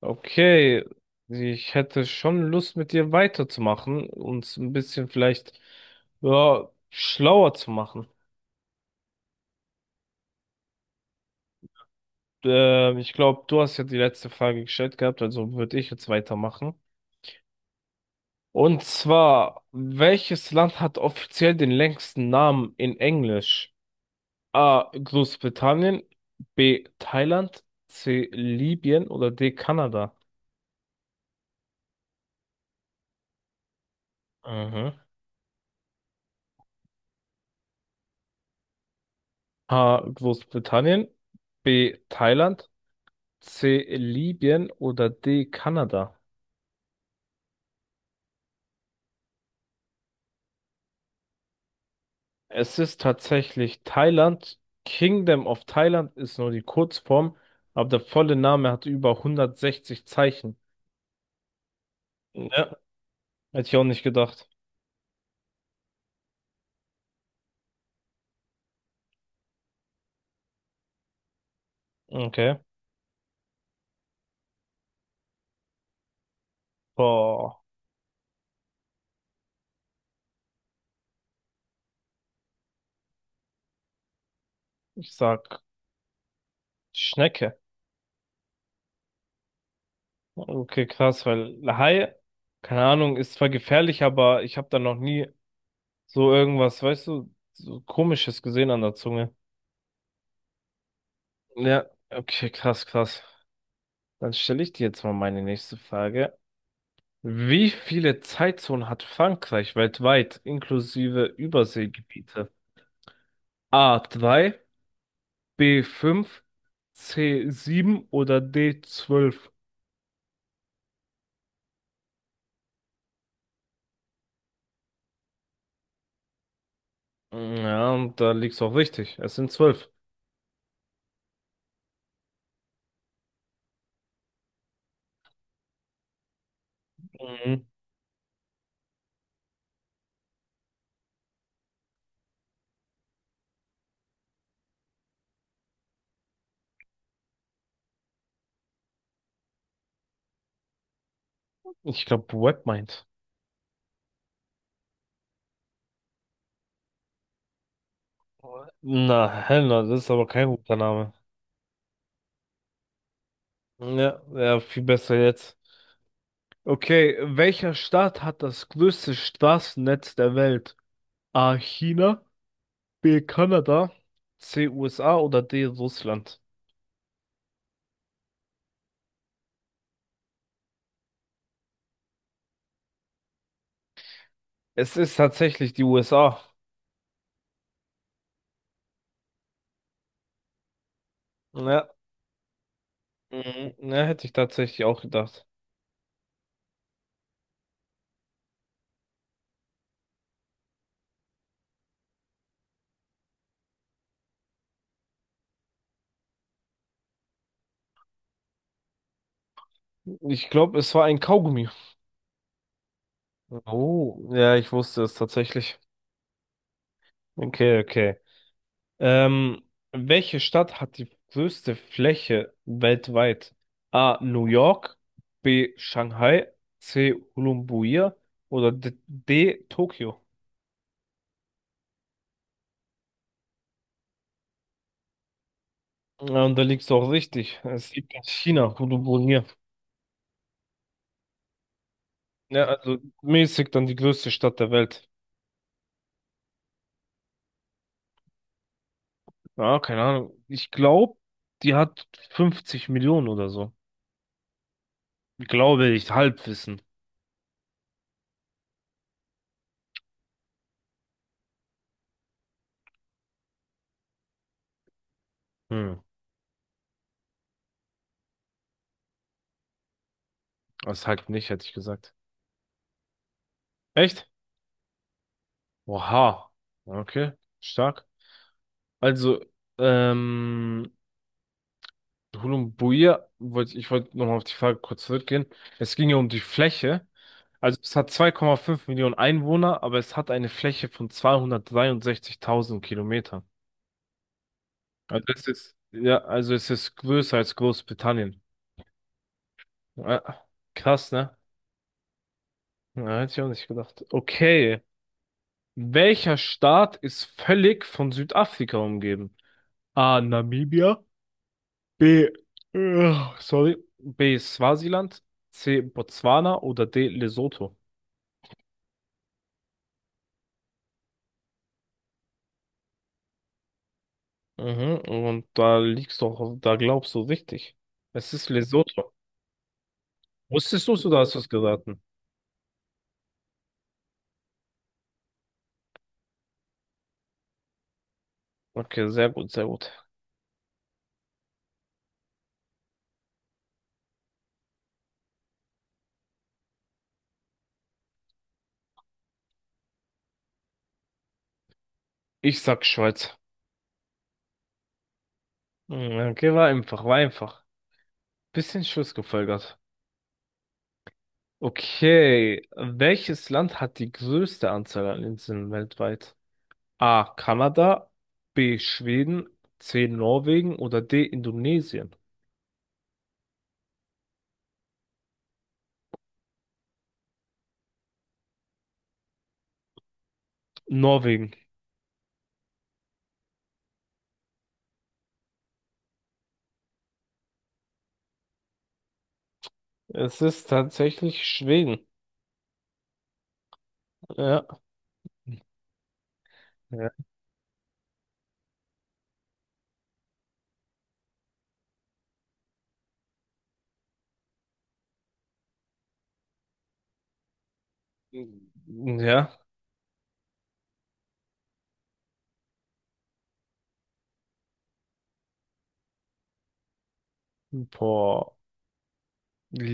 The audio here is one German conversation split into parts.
Okay, ich hätte schon Lust, mit dir weiterzumachen, uns ein bisschen vielleicht ja, schlauer zu machen. Ich glaube, du hast ja die letzte Frage gestellt gehabt, also würde ich jetzt weitermachen. Und zwar, welches Land hat offiziell den längsten Namen in Englisch? A. Großbritannien, B. Thailand, C. Libyen oder D. Kanada? Mhm. A. Großbritannien, B. Thailand. C. Libyen oder D. Kanada? Es ist tatsächlich Thailand. Kingdom of Thailand ist nur die Kurzform, aber der volle Name hat über 160 Zeichen. Ja, hätte ich auch nicht gedacht. Okay. Boah, ich sag Schnecke. Okay, krass, weil Hai, keine Ahnung, ist zwar gefährlich, aber ich habe da noch nie so irgendwas, weißt du, so Komisches gesehen an der Zunge. Ja, okay, krass, krass. Dann stelle ich dir jetzt mal meine nächste Frage. Wie viele Zeitzonen hat Frankreich weltweit, inklusive Überseegebiete? A3, b fünf, c sieben oder d zwölf? Ja, und da liegt's auch richtig. Es sind zwölf. Mhm. Ich glaube, Webmind. Na, Hellner, das ist aber kein guter Name. Ja, ja, viel besser jetzt. Okay, welcher Staat hat das größte Straßennetz der Welt? A. China, B. Kanada, C. USA oder D. Russland? Es ist tatsächlich die USA. Ja, Mhm. Ja, hätte ich tatsächlich auch gedacht. Ich glaube, es war ein Kaugummi. Oh, ja, ich wusste es tatsächlich. Okay, okay. Ähm, welche Stadt hat die größte Fläche weltweit? A. New York, B. Shanghai, C. Ulaanbaatar oder D. D Tokio? Ja, und da liegst du auch richtig. Es liegt in China, Ulaanbaatar. Ja, also mäßig dann die größte Stadt der Welt. Ja, keine Ahnung. Ich glaube, die hat 50 Millionen oder so. Glaube ich, Halbwissen. Hm, das halt nicht, hätte ich gesagt. Echt? Oha. Okay, stark. Also, ähm, Hulumbuir, wollte ich wollte nochmal auf die Frage kurz zurückgehen. Es ging ja um die Fläche. Also, es hat 2,5 Millionen Einwohner, aber es hat eine Fläche von 263.000 Kilometern. Also, es ist, ja, also es ist größer als Großbritannien. Ja, krass, ne? Ja, hätte ich auch nicht gedacht. Okay. Welcher Staat ist völlig von Südafrika umgeben? A. Namibia. B. Äh, sorry. B. Swasiland. C. Botswana oder D. Lesotho. Mhm, und da liegst du, auch- da glaubst du richtig. Es ist Lesotho. Wusstest du es oder hast du es geraten? Okay, sehr gut, sehr gut. Ich sag Schweiz. Mhm. Okay, war einfach, war einfach. Bisschen Schuss gefolgert. Okay, welches Land hat die größte Anzahl an Inseln weltweit? A. Kanada, B. Schweden, C. Norwegen oder D. Indonesien? Norwegen. Es ist tatsächlich Schweden. Ja. Ja. Ja. Boah.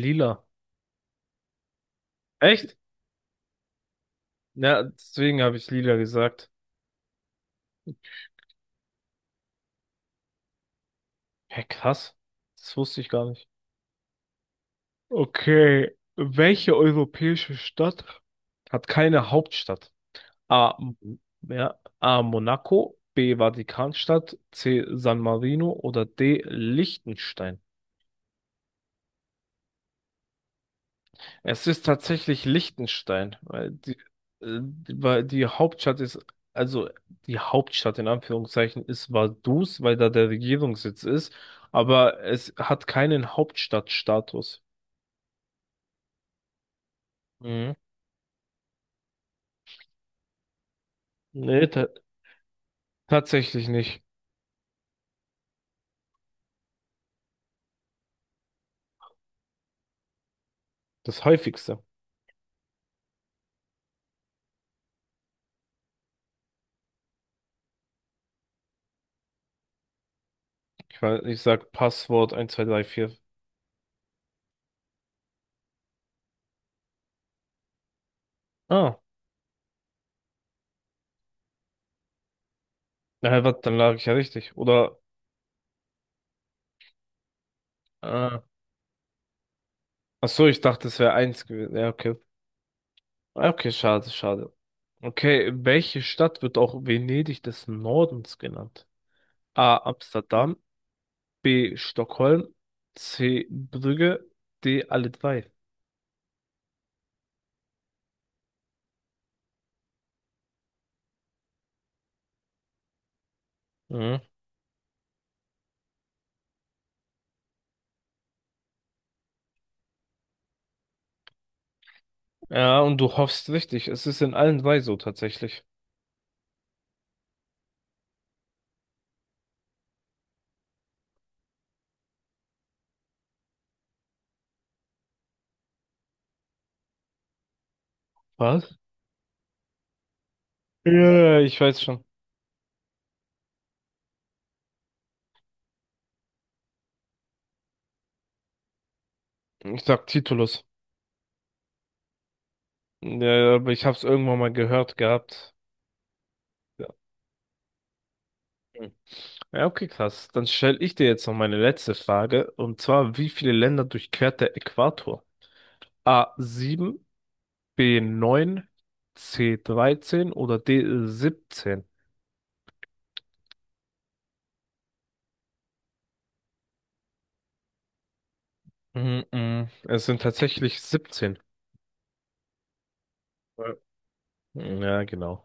Lila. Echt? Ja, deswegen habe ich lila gesagt. Hä, krass. Das wusste ich gar nicht. Okay, welche europäische Stadt hat keine Hauptstadt? A, ja, A, Monaco, B, Vatikanstadt, C, San Marino oder D, Liechtenstein. Es ist tatsächlich Liechtenstein, weil weil die Hauptstadt ist, also die Hauptstadt in Anführungszeichen ist Vaduz, weil da der Regierungssitz ist, aber es hat keinen Hauptstadtstatus. Mhm. Nee, ta tatsächlich nicht. Das häufigste. Ich meine, ich sag Passwort 1, zwei drei vier. Ah, na, ja, was dann lag ich ja richtig. Oder? Ah. Ach so, ich dachte, es wäre eins gewesen. Ja, okay. Ah, okay, schade, schade. Okay, welche Stadt wird auch Venedig des Nordens genannt? A. Amsterdam, B. Stockholm, C. Brügge, D. Alle drei. Mhm. Ja, und du hoffst richtig. Es ist in allen drei so tatsächlich. Was? Ja, ja, ja, ich weiß schon. Ich sag Titulus. Ja, ja, aber ich hab's irgendwann mal gehört gehabt. Ja. Ja, okay, krass. Dann stelle ich dir jetzt noch meine letzte Frage. Und zwar, wie viele Länder durchquert der Äquator? A sieben, b neun, c dreizehn oder d siebzehn? Mhm, mhm. Es sind tatsächlich siebzehn. Ja, ja, genau.